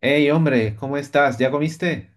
Hey, hombre, ¿cómo estás? ¿Ya comiste?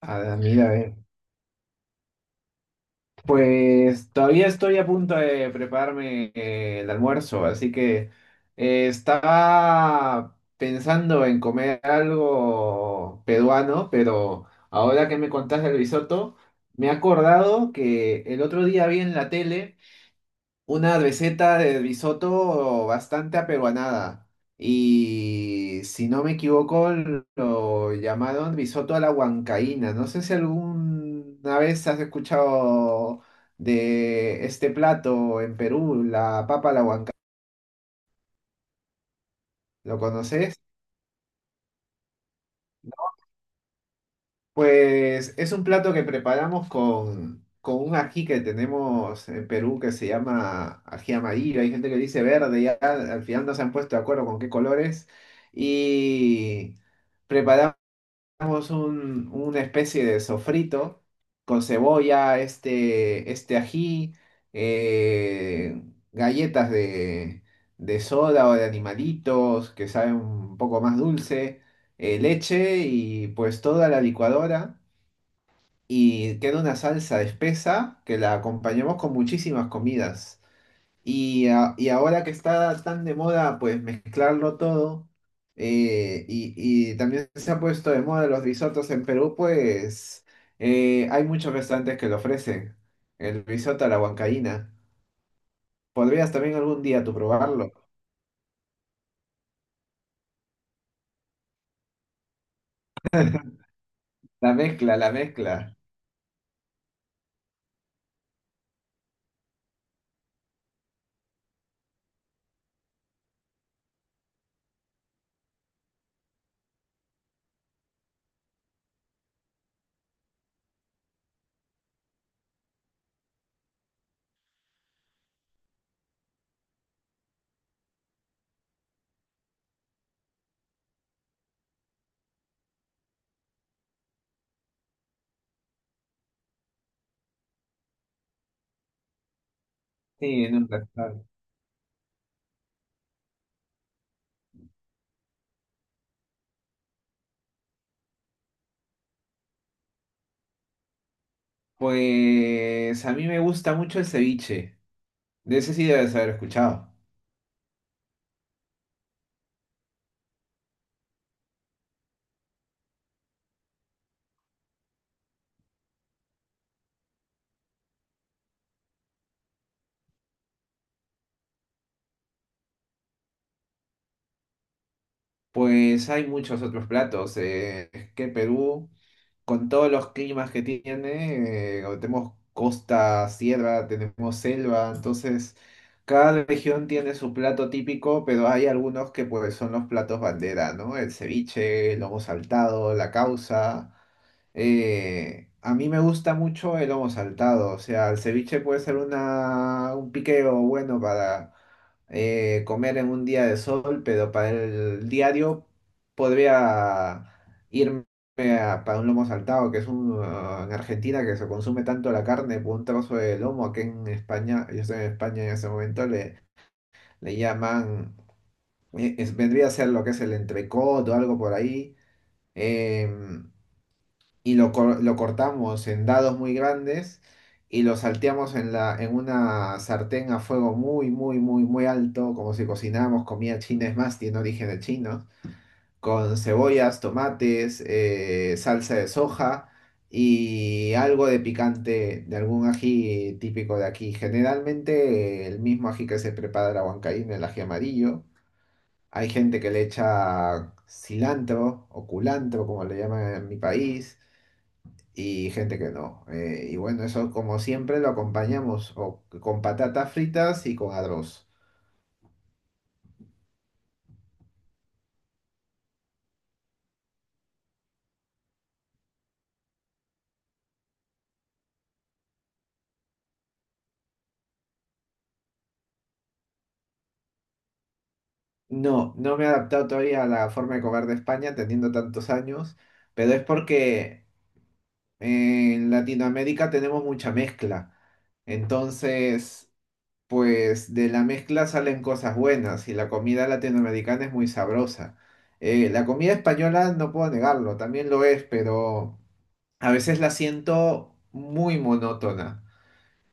Ah, mira, pues todavía estoy a punto de prepararme el almuerzo, así que estaba pensando en comer algo peruano, pero ahora que me contaste el risotto, me he acordado que el otro día vi en la tele una receta de risotto bastante aperuanada. Y si no me equivoco, lo llamaron risotto a la huancaína. No sé si alguna vez has escuchado de este plato en Perú, la papa a la huancaína. ¿Lo conoces? Pues es un plato que preparamos con un ají que tenemos en Perú que se llama ají amarillo. Hay gente que dice verde, ya al final no se han puesto de acuerdo con qué colores. Y preparamos una especie de sofrito con cebolla, este ají, eh, galletas de soda o de animalitos que saben un poco más dulce, leche y pues toda la licuadora y queda una salsa espesa que la acompañamos con muchísimas comidas. Y ahora que está tan de moda, pues mezclarlo todo, y también se ha puesto de moda los risotos en Perú, pues hay muchos restaurantes que lo ofrecen. El risotto a la huancaína. Podrías también algún día tú probarlo. La mezcla, la mezcla. Sí, en un restaurante. Pues a mí me gusta mucho el ceviche. De ese sí debes haber escuchado. Pues hay muchos otros platos. Es que Perú, con todos los climas que tiene, tenemos costa, sierra, tenemos selva, entonces cada región tiene su plato típico, pero hay algunos que pues son los platos bandera, ¿no? El ceviche, el lomo saltado, la causa. A mí me gusta mucho el lomo saltado, o sea, el ceviche puede ser un piqueo bueno para comer en un día de sol, pero para el diario podría irme para un lomo saltado, que es un, en Argentina que se consume tanto la carne por un trozo de lomo, aquí en España, yo estoy en España en ese momento, le llaman, vendría a ser lo que es el entrecot o algo por ahí. em, y lo cortamos en dados muy grandes y lo salteamos en una sartén a fuego muy, muy, muy, muy alto, como si cocináramos comida china, es más, tiene origen de chino, con cebollas, tomates, salsa de soja y algo de picante, de algún ají típico de aquí. Generalmente el mismo ají que se prepara la huancaína, el ají amarillo. Hay gente que le echa cilantro o culantro, como le llaman en mi país y gente que no. Y bueno, eso como siempre lo acompañamos o con patatas fritas y con arroz. No, no me he adaptado todavía a la forma de comer de España teniendo tantos años, pero es porque en Latinoamérica tenemos mucha mezcla. Entonces, pues de la mezcla salen cosas buenas y la comida latinoamericana es muy sabrosa. La comida española no puedo negarlo, también lo es, pero a veces la siento muy monótona.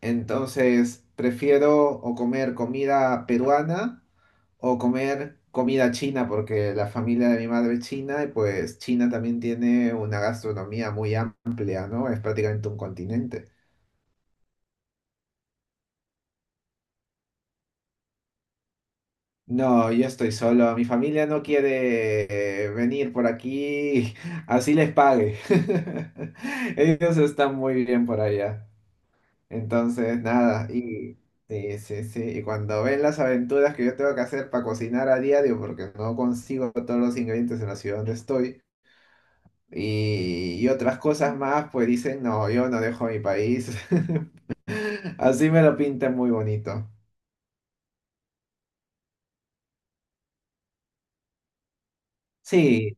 Entonces, prefiero o comer comida peruana o comer comida china, porque la familia de mi madre es china y pues China también tiene una gastronomía muy amplia, ¿no? Es prácticamente un continente. No, yo estoy solo. Mi familia no quiere venir por aquí, así les pague. Ellos están muy bien por allá. Entonces, nada, y sí, sí, sí, y cuando ven las aventuras que yo tengo que hacer para cocinar a diario, porque no consigo todos los ingredientes en la ciudad donde estoy, y otras cosas más, pues dicen, no, yo no dejo mi país. Así me lo pintan muy bonito. Sí,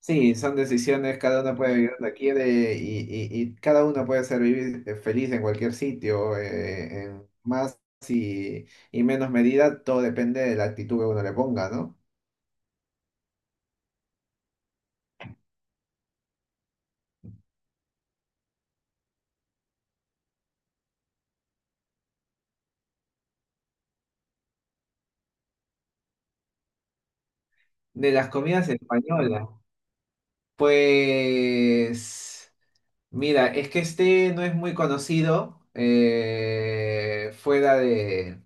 sí, son decisiones, cada uno puede vivir donde quiere y cada uno puede ser vivir feliz en cualquier sitio, en más y, y menos medida, todo depende de la actitud que uno le ponga, ¿no? De las comidas españolas. Pues, mira, es que este no es muy conocido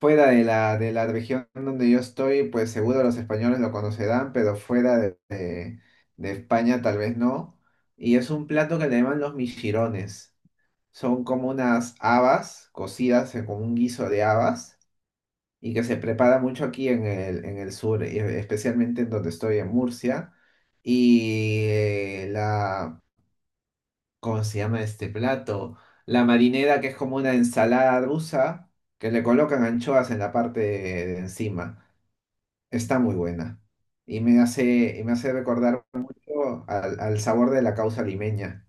fuera de la región donde yo estoy, pues seguro los españoles lo conocerán, pero de España tal vez no. Y es un plato que le llaman los michirones. Son como unas habas cocidas como un guiso de habas y que se prepara mucho en el sur, y especialmente en donde estoy, en Murcia. Y eh, la, ¿Cómo se llama este plato? La marinera, que es como una ensalada rusa, que le colocan anchoas en la parte de encima. Está muy buena. Y me hace recordar mucho al sabor de la causa limeña.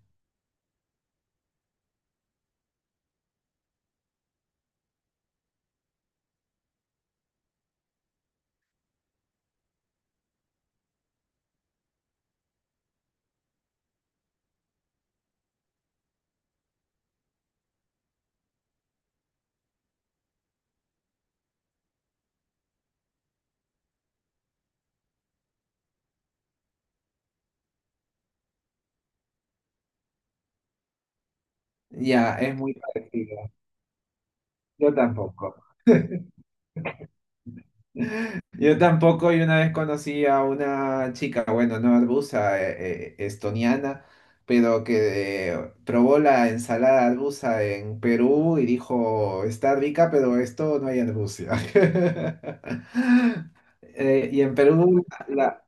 Ya, es muy parecida. Yo tampoco. Yo tampoco, y una vez conocí a una chica, bueno, no arbusa, estoniana, pero que probó la ensalada arbusa en Perú y dijo, está rica, pero esto no hay en Rusia. Y en Perú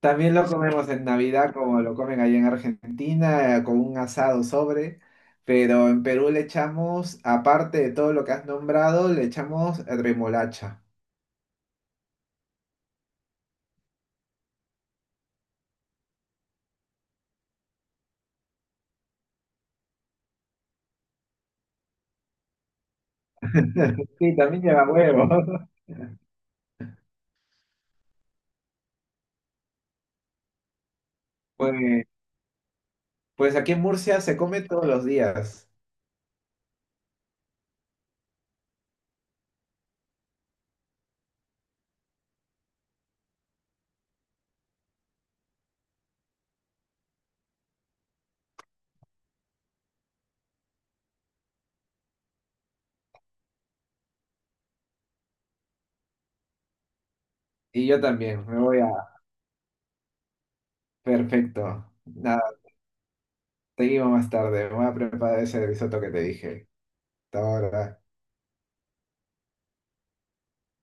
también lo comemos en Navidad, como lo comen allá en Argentina, con un asado sobre, pero en Perú le echamos, aparte de todo lo que has nombrado, le echamos remolacha. Sí, también lleva huevo. Pues, pues aquí en Murcia se come todos los días. Y yo también, me voy a... Perfecto. Nada, seguimos más tarde. Me voy a preparar ese risotto que te dije. Hasta ahora.